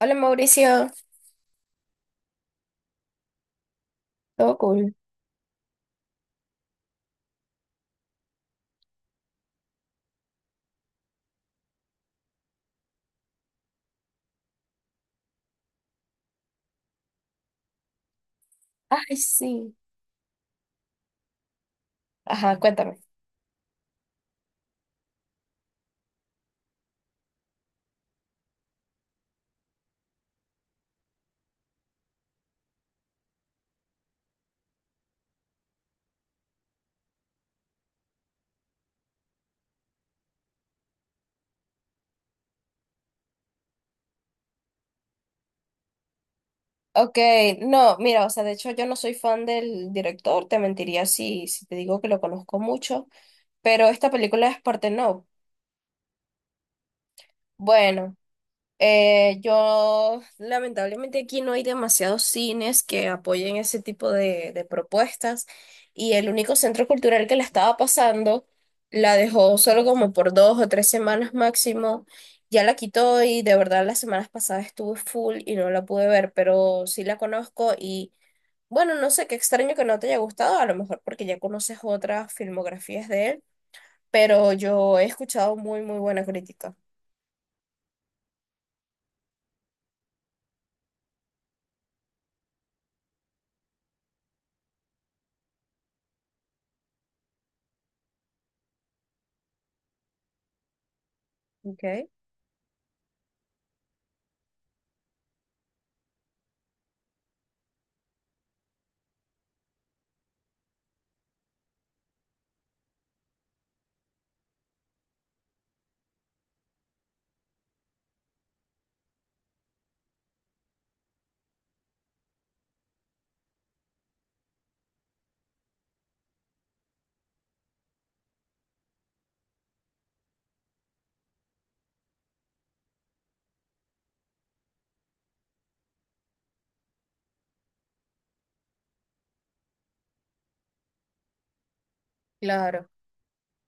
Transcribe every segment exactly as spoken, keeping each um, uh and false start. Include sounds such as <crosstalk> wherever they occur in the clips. Hola, Mauricio, todo cool. Ay, sí. Ajá, cuéntame. Ok, no, mira, o sea, de hecho yo no soy fan del director, te mentiría si, si te digo que lo conozco mucho, pero esta película es Portnoy. Bueno. Eh, yo lamentablemente aquí no hay demasiados cines que apoyen ese tipo de, de propuestas y el único centro cultural que la estaba pasando la dejó solo como por dos o tres semanas máximo, ya la quitó y de verdad las semanas pasadas estuve full y no la pude ver, pero sí la conozco y bueno, no sé, qué extraño que no te haya gustado, a lo mejor porque ya conoces otras filmografías de él, pero yo he escuchado muy, muy buena crítica. Ok. Claro.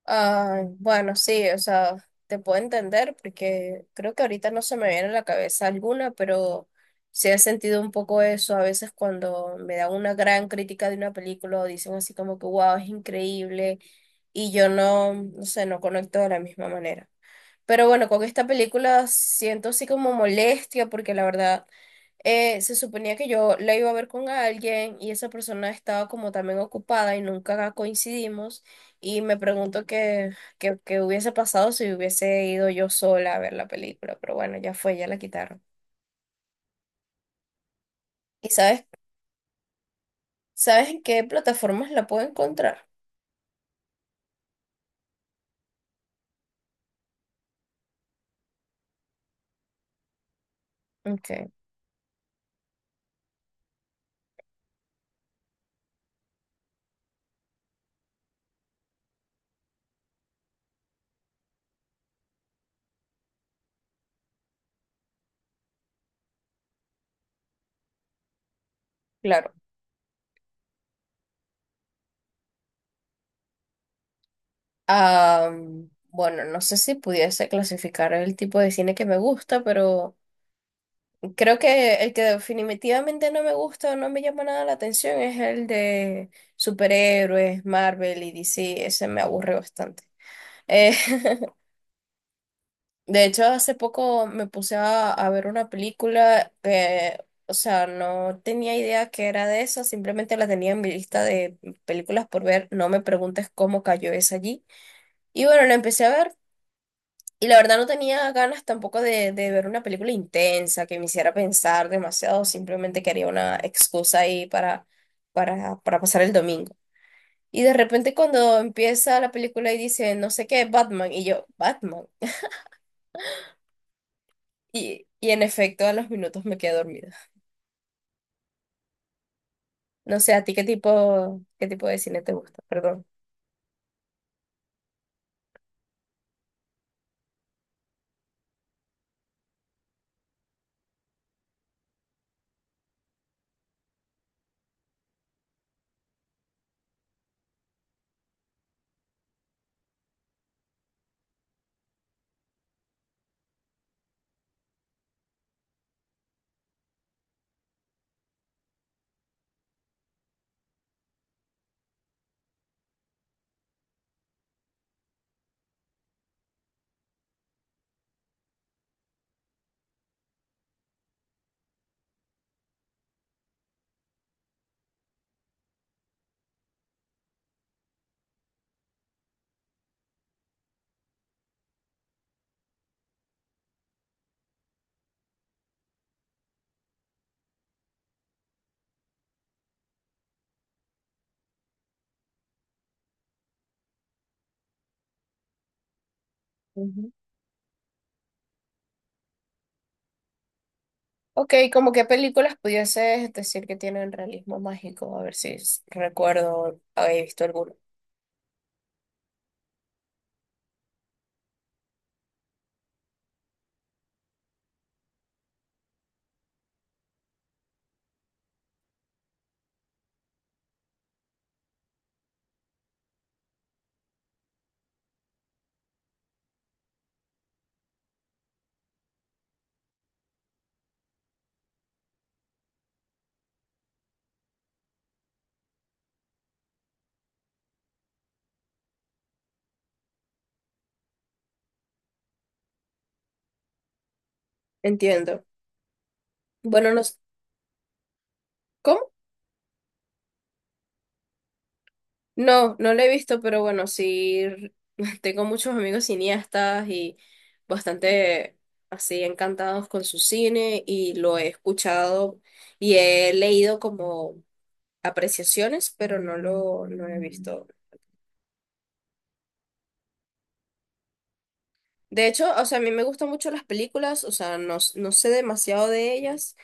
Ah, bueno, sí, o sea, te puedo entender porque creo que ahorita no se me viene a la cabeza alguna, pero sí he sentido un poco eso a veces cuando me dan una gran crítica de una película o dicen así como que wow, es increíble y yo no, no sé, no conecto de la misma manera. Pero bueno, con esta película siento así como molestia porque la verdad eh, se suponía que yo la iba a ver con alguien y esa persona estaba como también ocupada y nunca coincidimos y me pregunto qué qué- qué hubiese pasado si hubiese ido yo sola a ver la película, pero bueno, ya fue, ya la quitaron. ¿Y sabes, sabes en qué plataformas la puedo encontrar? Ok, claro. Ah, bueno, no sé si pudiese clasificar el tipo de cine que me gusta, pero creo que el que definitivamente no me gusta o no me llama nada la atención es el de superhéroes, Marvel y D C. Ese me aburre bastante. Eh, <laughs> de hecho, hace poco me puse a, a ver una película que, o sea, no tenía idea que era de esa, simplemente la tenía en mi lista de películas por ver. No me preguntes cómo cayó esa allí. Y bueno, la empecé a ver. Y la verdad no tenía ganas tampoco de, de ver una película intensa que me hiciera pensar demasiado, simplemente quería una excusa ahí para, para, para pasar el domingo. Y de repente cuando empieza la película y dice, no sé qué, Batman, y yo, Batman. Y, y en efecto a los minutos me quedé dormida. No sé, ¿a ti qué tipo, qué tipo de cine te gusta? Perdón. Ujú. Ok, ¿como qué películas pudieses decir que tienen realismo mágico? A ver si s- recuerdo haber visto alguno. Entiendo. Bueno, no, s- ¿cómo? No, no la he visto, pero bueno, sí, r- <laughs> tengo muchos amigos cineastas y bastante así encantados con su cine y lo he escuchado y he leído como apreciaciones, pero no lo, no he visto. De hecho, o sea, a mí me gustan mucho las películas, o sea, no, s- no sé demasiado de ellas.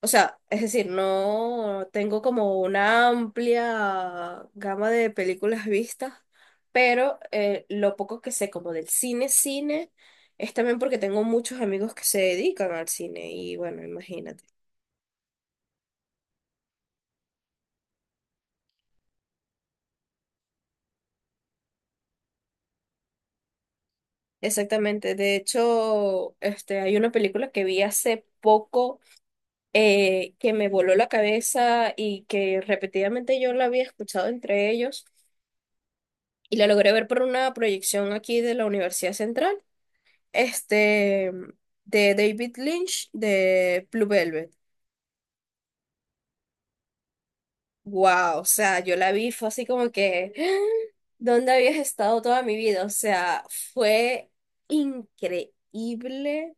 O sea, es decir, no tengo como una amplia gama de películas vistas, pero eh, lo poco que sé como del cine, cine, es también porque tengo muchos amigos que se dedican al cine y bueno, imagínate. Exactamente. De hecho, este, hay una película que vi hace poco eh, que me voló la cabeza y que repetidamente yo la había escuchado entre ellos y la logré ver por una proyección aquí de la Universidad Central. Este, de David Lynch, de Blue Velvet. Wow, o sea, yo la vi, fue así como que, <gasps> ¿dónde habías estado toda mi vida? O sea, fue increíble.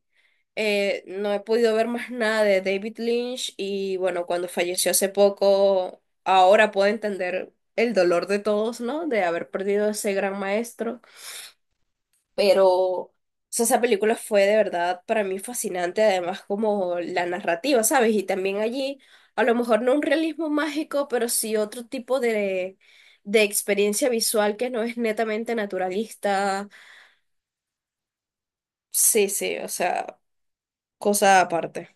Eh, no he podido ver más nada de David Lynch y bueno, cuando falleció hace poco, ahora puedo entender el dolor de todos, ¿no? De haber perdido a ese gran maestro. Pero, o sea, esa película fue de verdad para mí fascinante, además como la narrativa, ¿sabes? Y también allí, a lo mejor no un realismo mágico, pero sí otro tipo de, de experiencia visual que no es netamente naturalista. Sí, sí, o sea, cosa aparte.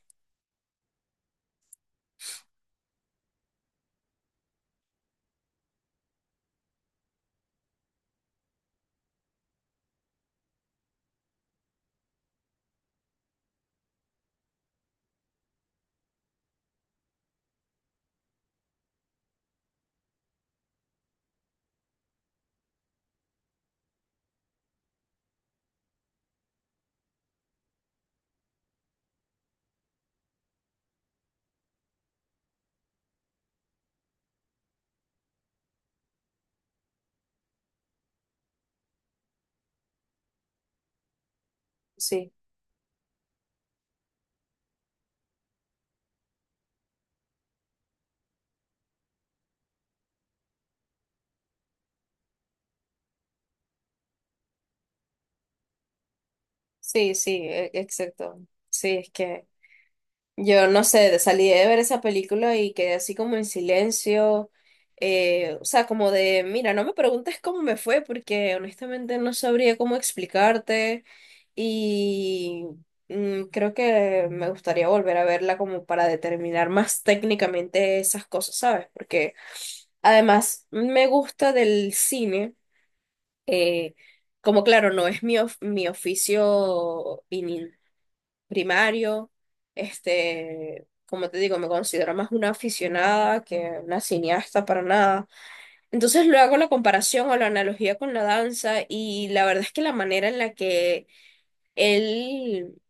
Sí, sí, sí, e- exacto. Sí, es que yo no sé, salí de ver esa película y quedé así como en silencio, eh, o sea, como de, mira, no me preguntes cómo me fue porque honestamente no sabría cómo explicarte y mm, creo que me gustaría volver a verla como para determinar más técnicamente esas cosas, ¿sabes? Porque además me gusta del cine, eh, como claro, no es mi, of- mi oficio primario. Este, como te digo, me considero más una aficionada que una cineasta para nada. Entonces luego hago la comparación o la analogía con la danza y la verdad es que la manera en la que él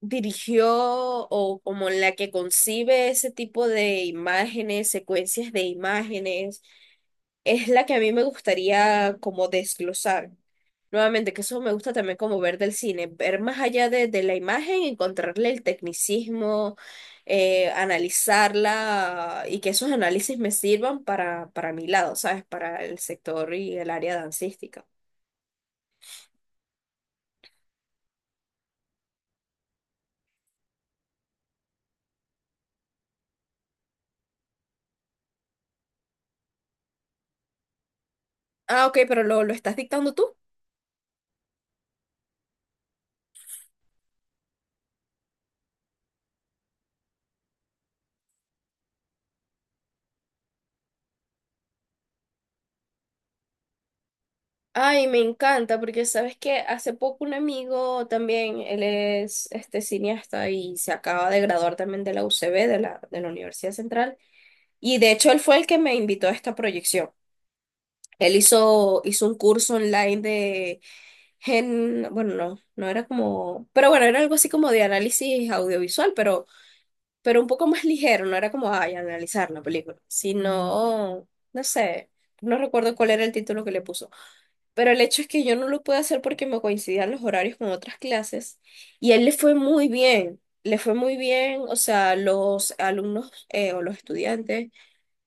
dirigió o como en la que concibe ese tipo de imágenes, secuencias de imágenes es la que a mí me gustaría como desglosar. Nuevamente, que eso me gusta también como ver del cine, ver más allá de, de la imagen, encontrarle el tecnicismo, eh, analizarla y que esos análisis me sirvan para, para mi lado, ¿sabes? Para el sector y el área dancística. Ah, ok, pero lo, lo estás dictando tú. Ay, me encanta, porque sabes que hace poco un amigo también, él es este cineasta y se acaba de graduar también de la U C B, de la, de la Universidad Central. Y de hecho él fue el que me invitó a esta proyección. Él hizo, hizo un curso online de gen, bueno, no, no era como, pero bueno, era algo así como de análisis audiovisual, pero, pero un poco más ligero, no era como, ay, analizar la película, sino, no sé, no recuerdo cuál era el título que le puso. Pero el hecho es que yo no lo pude hacer porque me coincidían los horarios con otras clases y a él le fue muy bien, le fue muy bien, o sea, los alumnos eh, o los estudiantes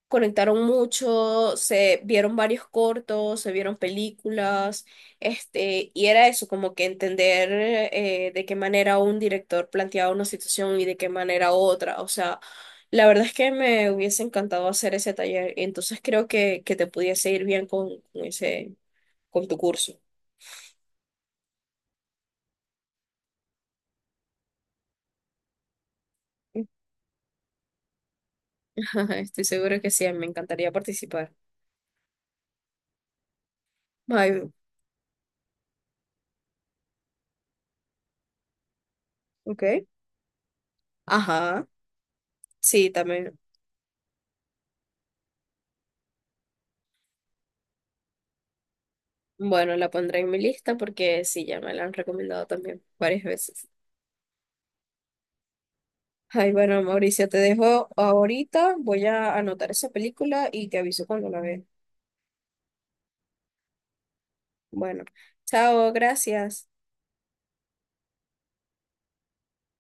conectaron mucho, se vieron varios cortos, se vieron películas, este, y era eso, como que entender eh, de qué manera un director planteaba una situación y de qué manera otra. O sea, la verdad es que me hubiese encantado hacer ese taller, entonces creo que, que te pudiese ir bien con, con ese, con tu curso. <laughs> Estoy segura que sí, me encantaría participar. Ay, ok. Ajá, sí, también. Bueno, la pondré en mi lista porque sí, ya me la han recomendado también varias veces. Ay, bueno, Mauricio, te dejo ahorita. Voy a anotar esa película y te aviso cuando la vea. Bueno, chao, gracias.